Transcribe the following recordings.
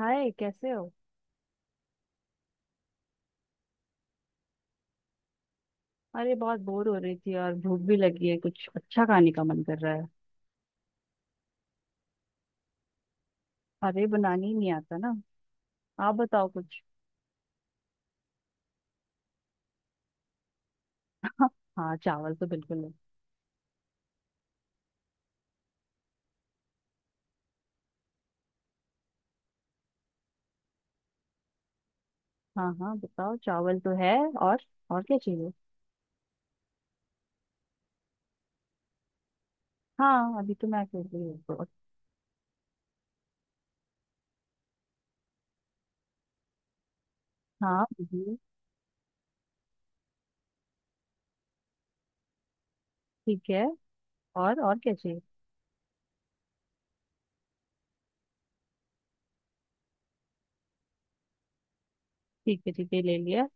हाय, कैसे हो। अरे, बहुत बोर हो रही थी और भूख भी लगी है, कुछ अच्छा खाने का मन कर रहा है। अरे, बनाने ही नहीं आता ना। आप बताओ कुछ। हाँ, चावल तो बिल्कुल है। हाँ हाँ, बताओ। चावल तो है, और और क्या चाहिए। हाँ, अभी तो मैं कर रही हूँ तो। हाँ बिल्कुल। ठीक है, और क्या चाहिए। ठीक है ठीक है, ले लिया।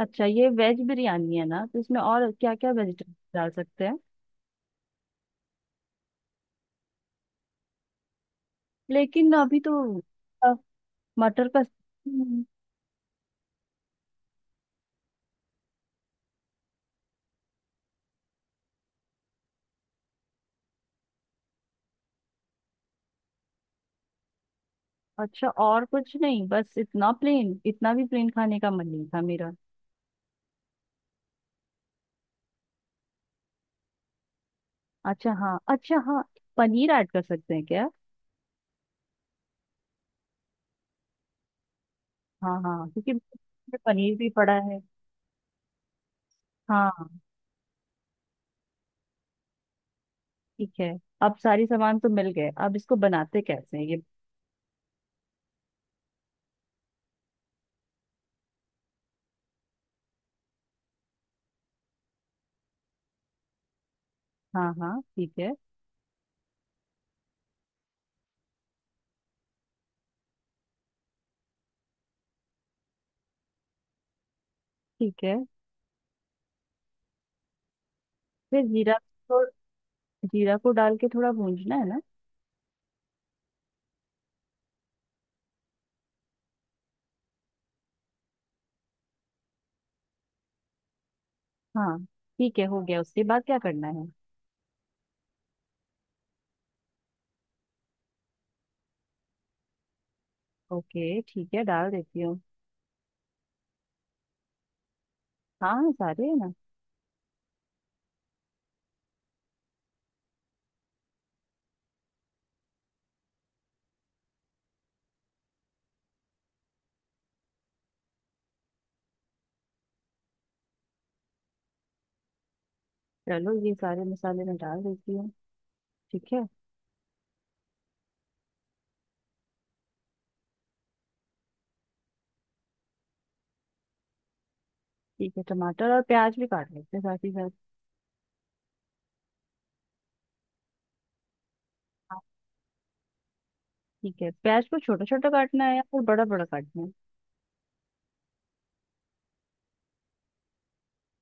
अच्छा, ये वेज बिरयानी है ना, तो इसमें और क्या क्या वेजिटेबल डाल सकते हैं। लेकिन अभी तो अ, मटर का। अच्छा, और कुछ नहीं, बस इतना प्लेन? इतना भी प्लेन खाने का मन नहीं था मेरा। अच्छा हाँ, अच्छा हाँ। पनीर ऐड कर सकते हैं क्या। हाँ हाँ, क्योंकि में पनीर भी पड़ा है। हाँ, ठीक है। अब सारी सामान तो मिल गए, अब इसको बनाते कैसे हैं ये। हाँ हाँ, ठीक है। ठीक है, फिर जीरा को, जीरा को डाल के थोड़ा भूंजना है ना। हाँ, ठीक है, हो गया। उसके बाद क्या करना है। ओके, ठीक है, डाल देती हूँ। हाँ हाँ, सारे है ना। चलो, ये सारे मसाले मैं डाल देती हूँ। ठीक है। ठीक है, टमाटर और प्याज भी काट लेते हैं साथ ही साथ। हाँ। ठीक है, प्याज को छोटा छोटा काटना है या फिर बड़ा बड़ा काटना है।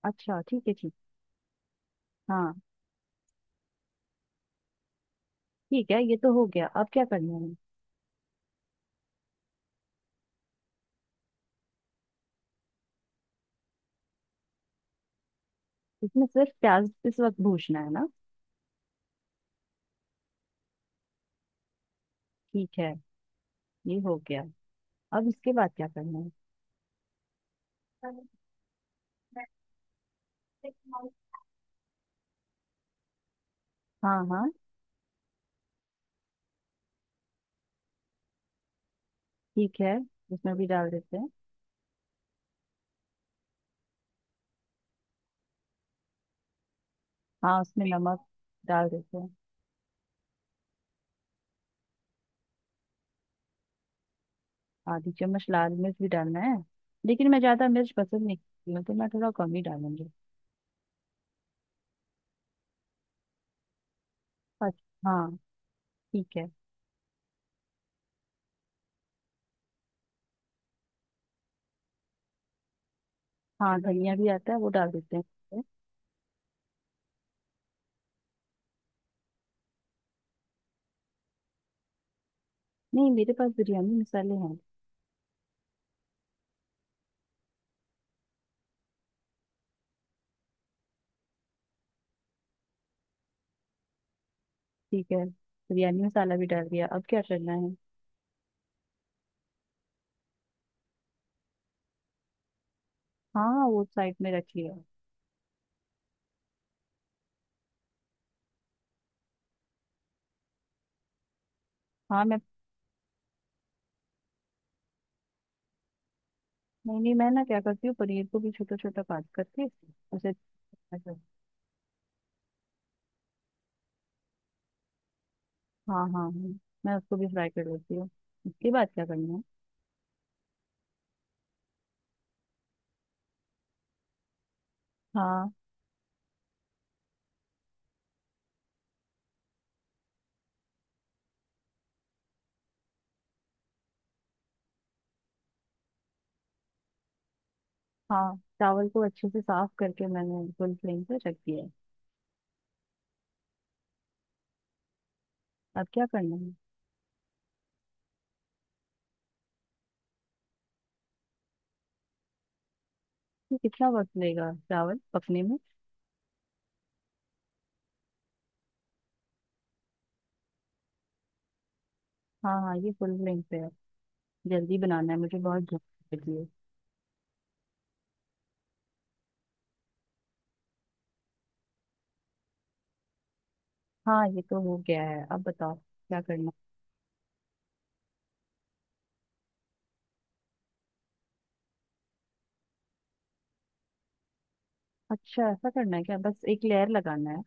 अच्छा ठीक है, ठीक। हाँ, ठीक है, ये तो हो गया। अब क्या करना है। इसमें सिर्फ प्याज इस वक्त भूनना है ना। ठीक है, ये हो गया। अब इसके बाद क्या करना है। हाँ हाँ, ठीक है, उसमें भी डाल देते हैं। हाँ, उसमें नमक डाल देते हैं। आधी चम्मच लाल मिर्च भी डालना है? लेकिन मैं ज्यादा मिर्च पसंद नहीं करती हूँ, तो मैं थोड़ा कम ही डालूंगी। अच्छा हाँ, ठीक है। हाँ, धनिया भी आता है, वो डाल देते हैं। नहीं, मेरे पास बिरयानी मसाले हैं। ठीक है, बिरयानी मसाला भी डाल दिया। अब क्या करना है। हाँ, वो साइड में रख लिया। हाँ मैं, नहीं नहीं, मैं ना क्या करती हूँ, पनीर को भी छोटा छोटा काट करके उसे। अच्छा, हाँ हाँ हाँ, मैं उसको भी फ्राई कर लेती हूँ। उसके बाद क्या करना है। हाँ। हाँ, चावल को अच्छे से साफ करके मैंने फुल फ्लेम पे रख दिया है। अब क्या करना है। ये कितना वक्त लेगा चावल पकने में। हाँ हाँ, ये फुल फ्लेम पे है। जल्दी बनाना है, मुझे बहुत भूख लगी है। हाँ, ये तो हो गया है। अब बताओ क्या करना है? अच्छा, ऐसा करना है क्या, बस एक लेयर लगाना है।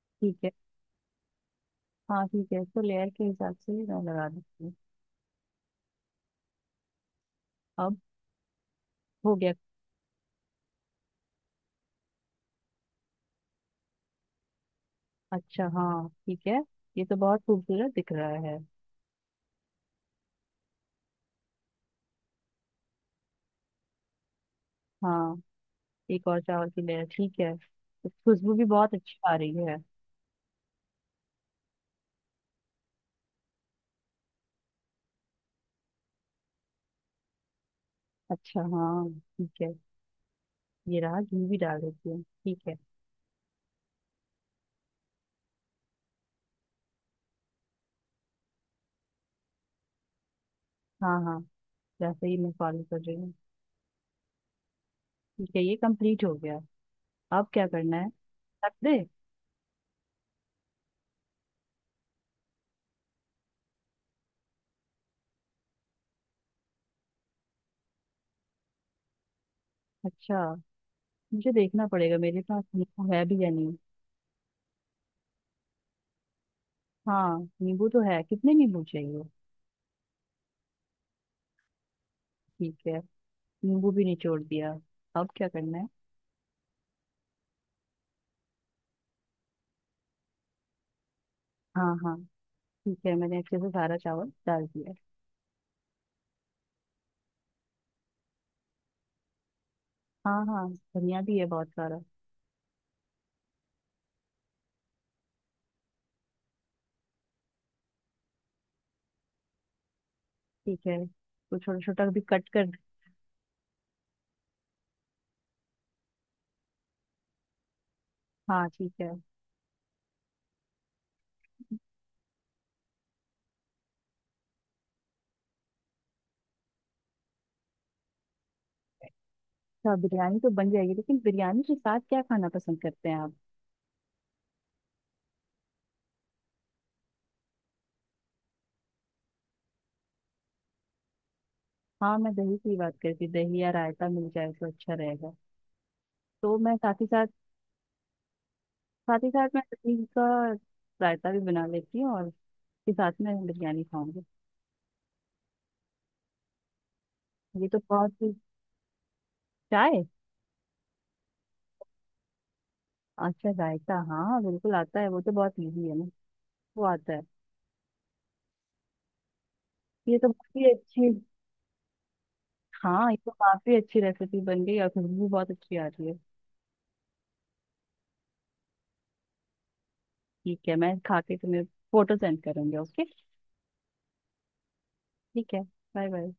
ठीक है। हाँ ठीक है, तो लेयर के हिसाब से ही मैं लगा देती हूँ। अब हो गया। अच्छा हाँ, ठीक है, ये तो बहुत खूबसूरत दिख रहा है। हाँ। एक और चावल की लेयर, ठीक है, तो खुशबू भी बहुत अच्छी आ रही है। अच्छा हाँ, ठीक है, ये रहा, घी भी डाल देती हूँ। ठीक है। हाँ हाँ, जैसे ही, मैं फॉलो कर रही हूँ। ठीक है, ये कंप्लीट हो गया। अब क्या करना है, रख दे। अच्छा, मुझे देखना पड़ेगा मेरे पास नींबू है भी या नहीं। हाँ, नींबू तो है, कितने नींबू चाहिए। ठीक है, नींबू भी निचोड़ दिया। अब क्या करना है। हाँ हाँ, ठीक है, मैंने अच्छे से सारा चावल डाल दिया। हाँ हाँ, धनिया भी है बहुत सारा। ठीक है, तो छोटा छोटा भी कट कर। हाँ, ठीक है। अच्छा, बिरयानी तो बन जाएगी, लेकिन बिरयानी के साथ क्या खाना पसंद करते हैं आप। हाँ, मैं दही की बात करती, दही या रायता मिल जाए तो अच्छा रहेगा। तो मैं साथ ही साथ, साथ ही साथ मैं दही का रायता भी बना लेती हूँ, और के साथ में बिरयानी खाऊंगी। ये तो बहुत ही चाय, अच्छा जायका। हाँ बिल्कुल आता है, वो तो बहुत इजी है ना, वो आता है। ये तो काफी अच्छी, हाँ, ये तो काफी अच्छी रेसिपी बन गई, और खुशबू भी बहुत अच्छी आ रही है। ठीक है, मैं खा के तुम्हें फोटो सेंड करूंगी। ओके, ठीक है, बाय बाय।